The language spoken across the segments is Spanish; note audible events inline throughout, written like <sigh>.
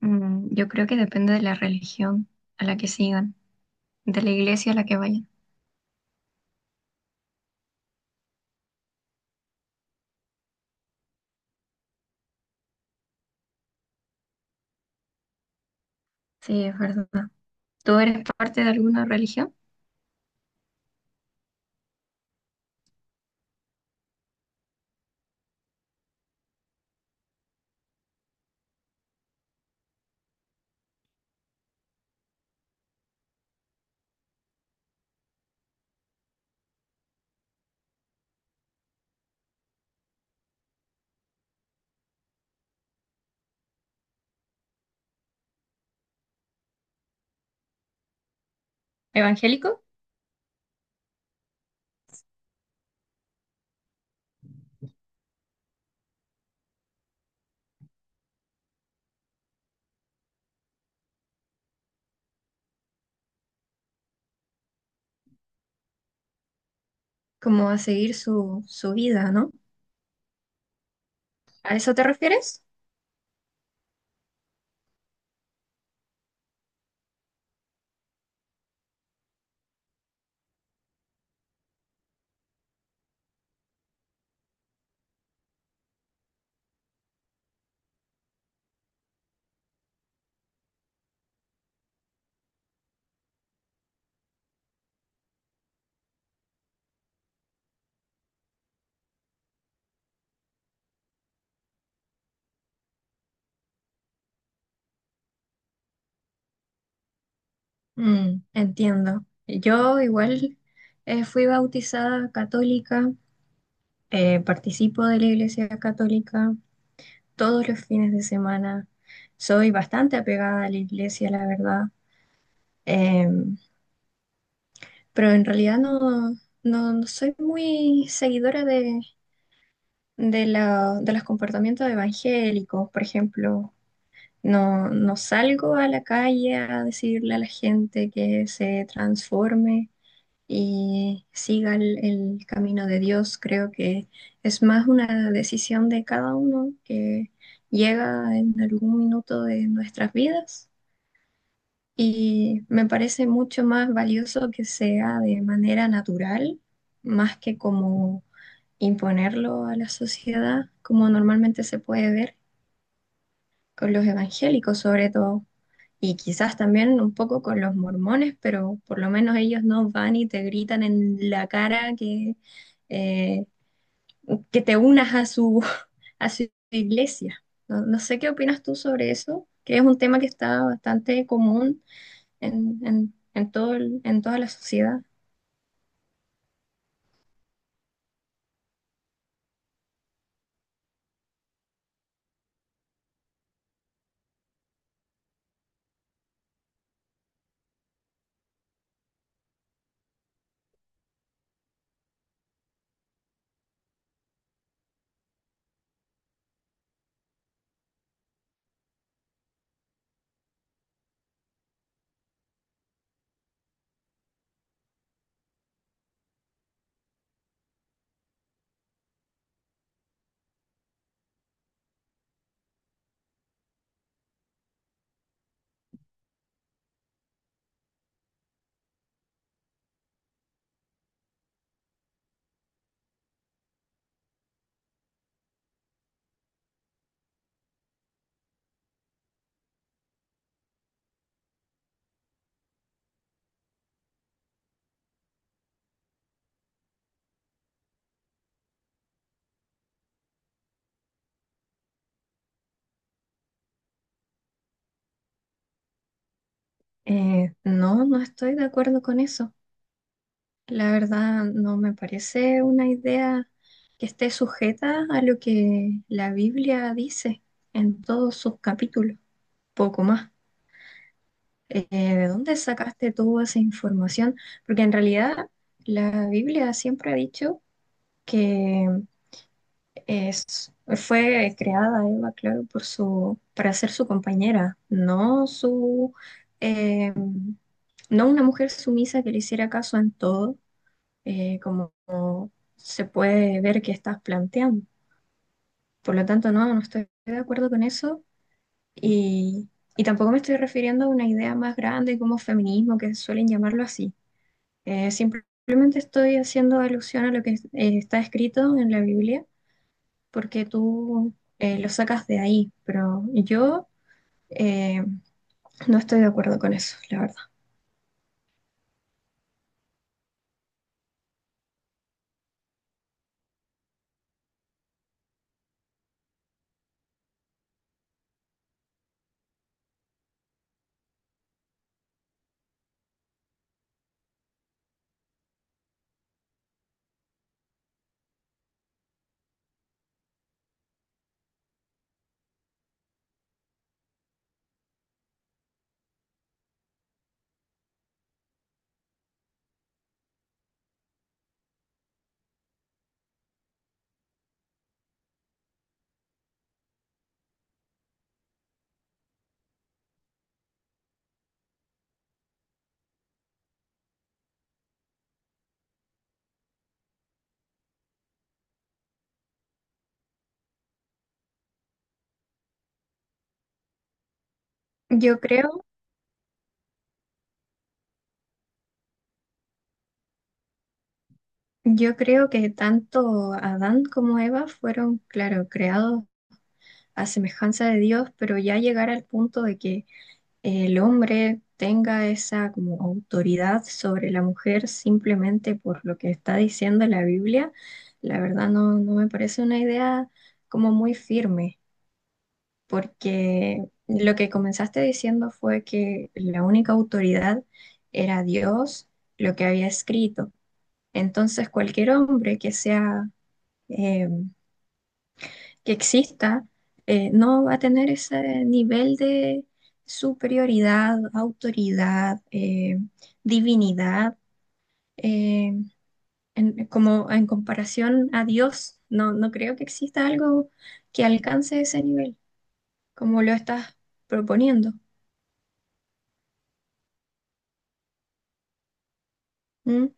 Yo creo que depende de la religión a la que sigan, de la iglesia a la que vayan. Sí, es verdad. ¿Tú eres parte de alguna religión? ¿Evangélico? Como a seguir su vida, ¿no? ¿A eso te refieres? Entiendo. Yo igual fui bautizada católica, participo de la iglesia católica todos los fines de semana. Soy bastante apegada a la iglesia, la verdad. Em, pero en realidad no, no, no soy muy seguidora de los comportamientos evangélicos, por ejemplo. No, no salgo a la calle a decirle a la gente que se transforme y siga el camino de Dios. Creo que es más una decisión de cada uno que llega en algún minuto de nuestras vidas y me parece mucho más valioso que sea de manera natural, más que como imponerlo a la sociedad, como normalmente se puede ver con los evangélicos sobre todo, y quizás también un poco con los mormones, pero por lo menos ellos no van y te gritan en la cara eh, que te unas a su, <laughs> a su iglesia. No, no sé qué opinas tú sobre eso, que es un tema que está bastante común en toda la sociedad. No, no estoy de acuerdo con eso. La verdad, no me parece una idea que esté sujeta a lo que la Biblia dice en todos sus capítulos, poco más. ¿De dónde sacaste tú esa información? Porque en realidad la Biblia siempre ha dicho que es, fue creada Eva, claro, para ser su compañera, eh, no una mujer sumisa que le hiciera caso en todo, como se puede ver que estás planteando. Por lo tanto, no, no estoy de acuerdo con eso y, y tampoco me estoy refiriendo a una idea más grande como feminismo, que suelen llamarlo así. Simplemente estoy haciendo alusión a lo que está escrito en la Biblia, porque tú lo sacas de ahí, pero yo eh, no estoy de acuerdo con eso, la verdad. Yo creo... Yo creo que tanto Adán como Eva fueron, claro, creados a semejanza de Dios, pero ya llegar al punto de que el hombre tenga esa como autoridad sobre la mujer simplemente por lo que está diciendo la Biblia, la verdad no, no me parece una idea como muy firme, porque lo que comenzaste diciendo fue que la única autoridad era Dios, lo que había escrito. Entonces, cualquier hombre que sea, eh, que exista, no va a tener ese nivel de superioridad, autoridad, divinidad, eh, como en comparación a Dios. No, no creo que exista algo que alcance ese nivel, como lo estás proponiendo. ¿M?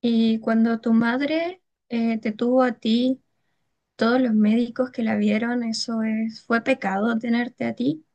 Y cuando tu madre te tuvo a ti, todos los médicos que la vieron, eso es, ¿fue pecado tenerte a ti?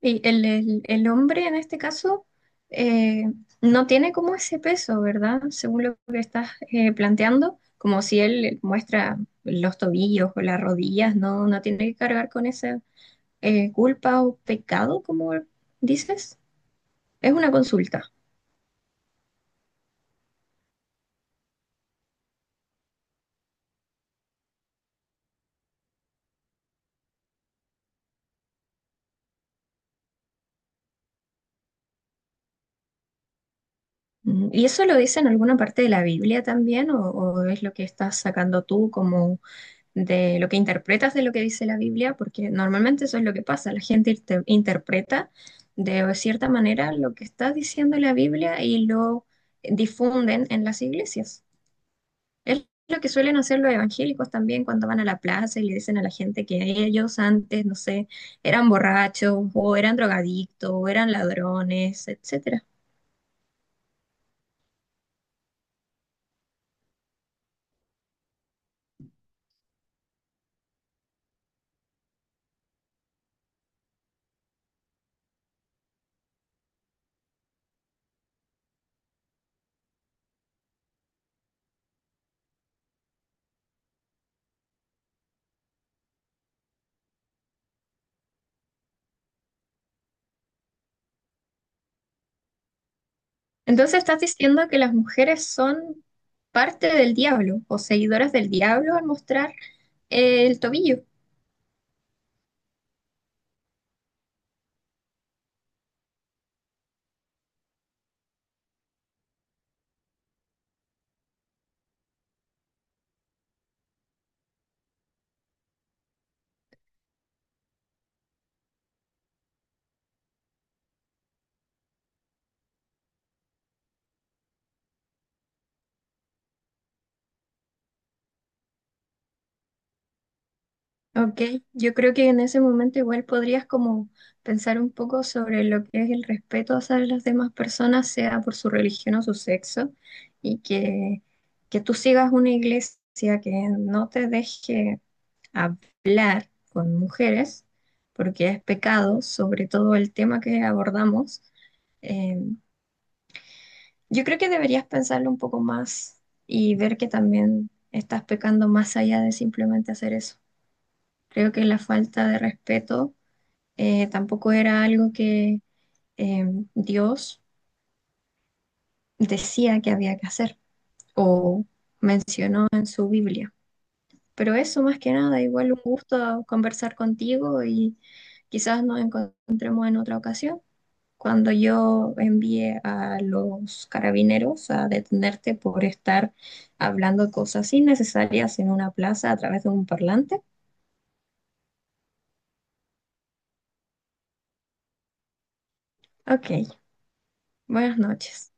Y el hombre en este caso eh, no tiene como ese peso, ¿verdad? Según lo que estás planteando, como si él muestra los tobillos o las rodillas, no, no tiene que cargar con esa culpa o pecado, como dices. Es una consulta. ¿Y eso lo dice en alguna parte de la Biblia también, o es lo que estás sacando tú como de lo que interpretas de lo que dice la Biblia? Porque normalmente eso es lo que pasa, la gente interpreta de cierta manera lo que está diciendo la Biblia y lo difunden en las iglesias. Es lo que suelen hacer los evangélicos también cuando van a la plaza y le dicen a la gente que ellos antes, no sé, eran borrachos o eran drogadictos o eran ladrones, etcétera. Entonces estás diciendo que las mujeres son parte del diablo o seguidoras del diablo al mostrar el tobillo. Ok, yo creo que en ese momento igual podrías como pensar un poco sobre lo que es el respeto hacia las demás personas, sea por su religión o su sexo, y que tú sigas una iglesia que no te deje hablar con mujeres, porque es pecado, sobre todo el tema que abordamos. Eh, yo creo que deberías pensarlo un poco más y ver que también estás pecando más allá de simplemente hacer eso. Creo que la falta de respeto tampoco era algo que eh, Dios decía que había que hacer o menciona en su Biblia. Pero eso más que nada, igual un gusto conversar contigo y quizás nos encontremos en otra ocasión. Cuando yo envié a los carabineros a detenerte por estar hablando cosas innecesarias en una plaza a través de un parlante. Ok, buenas noches.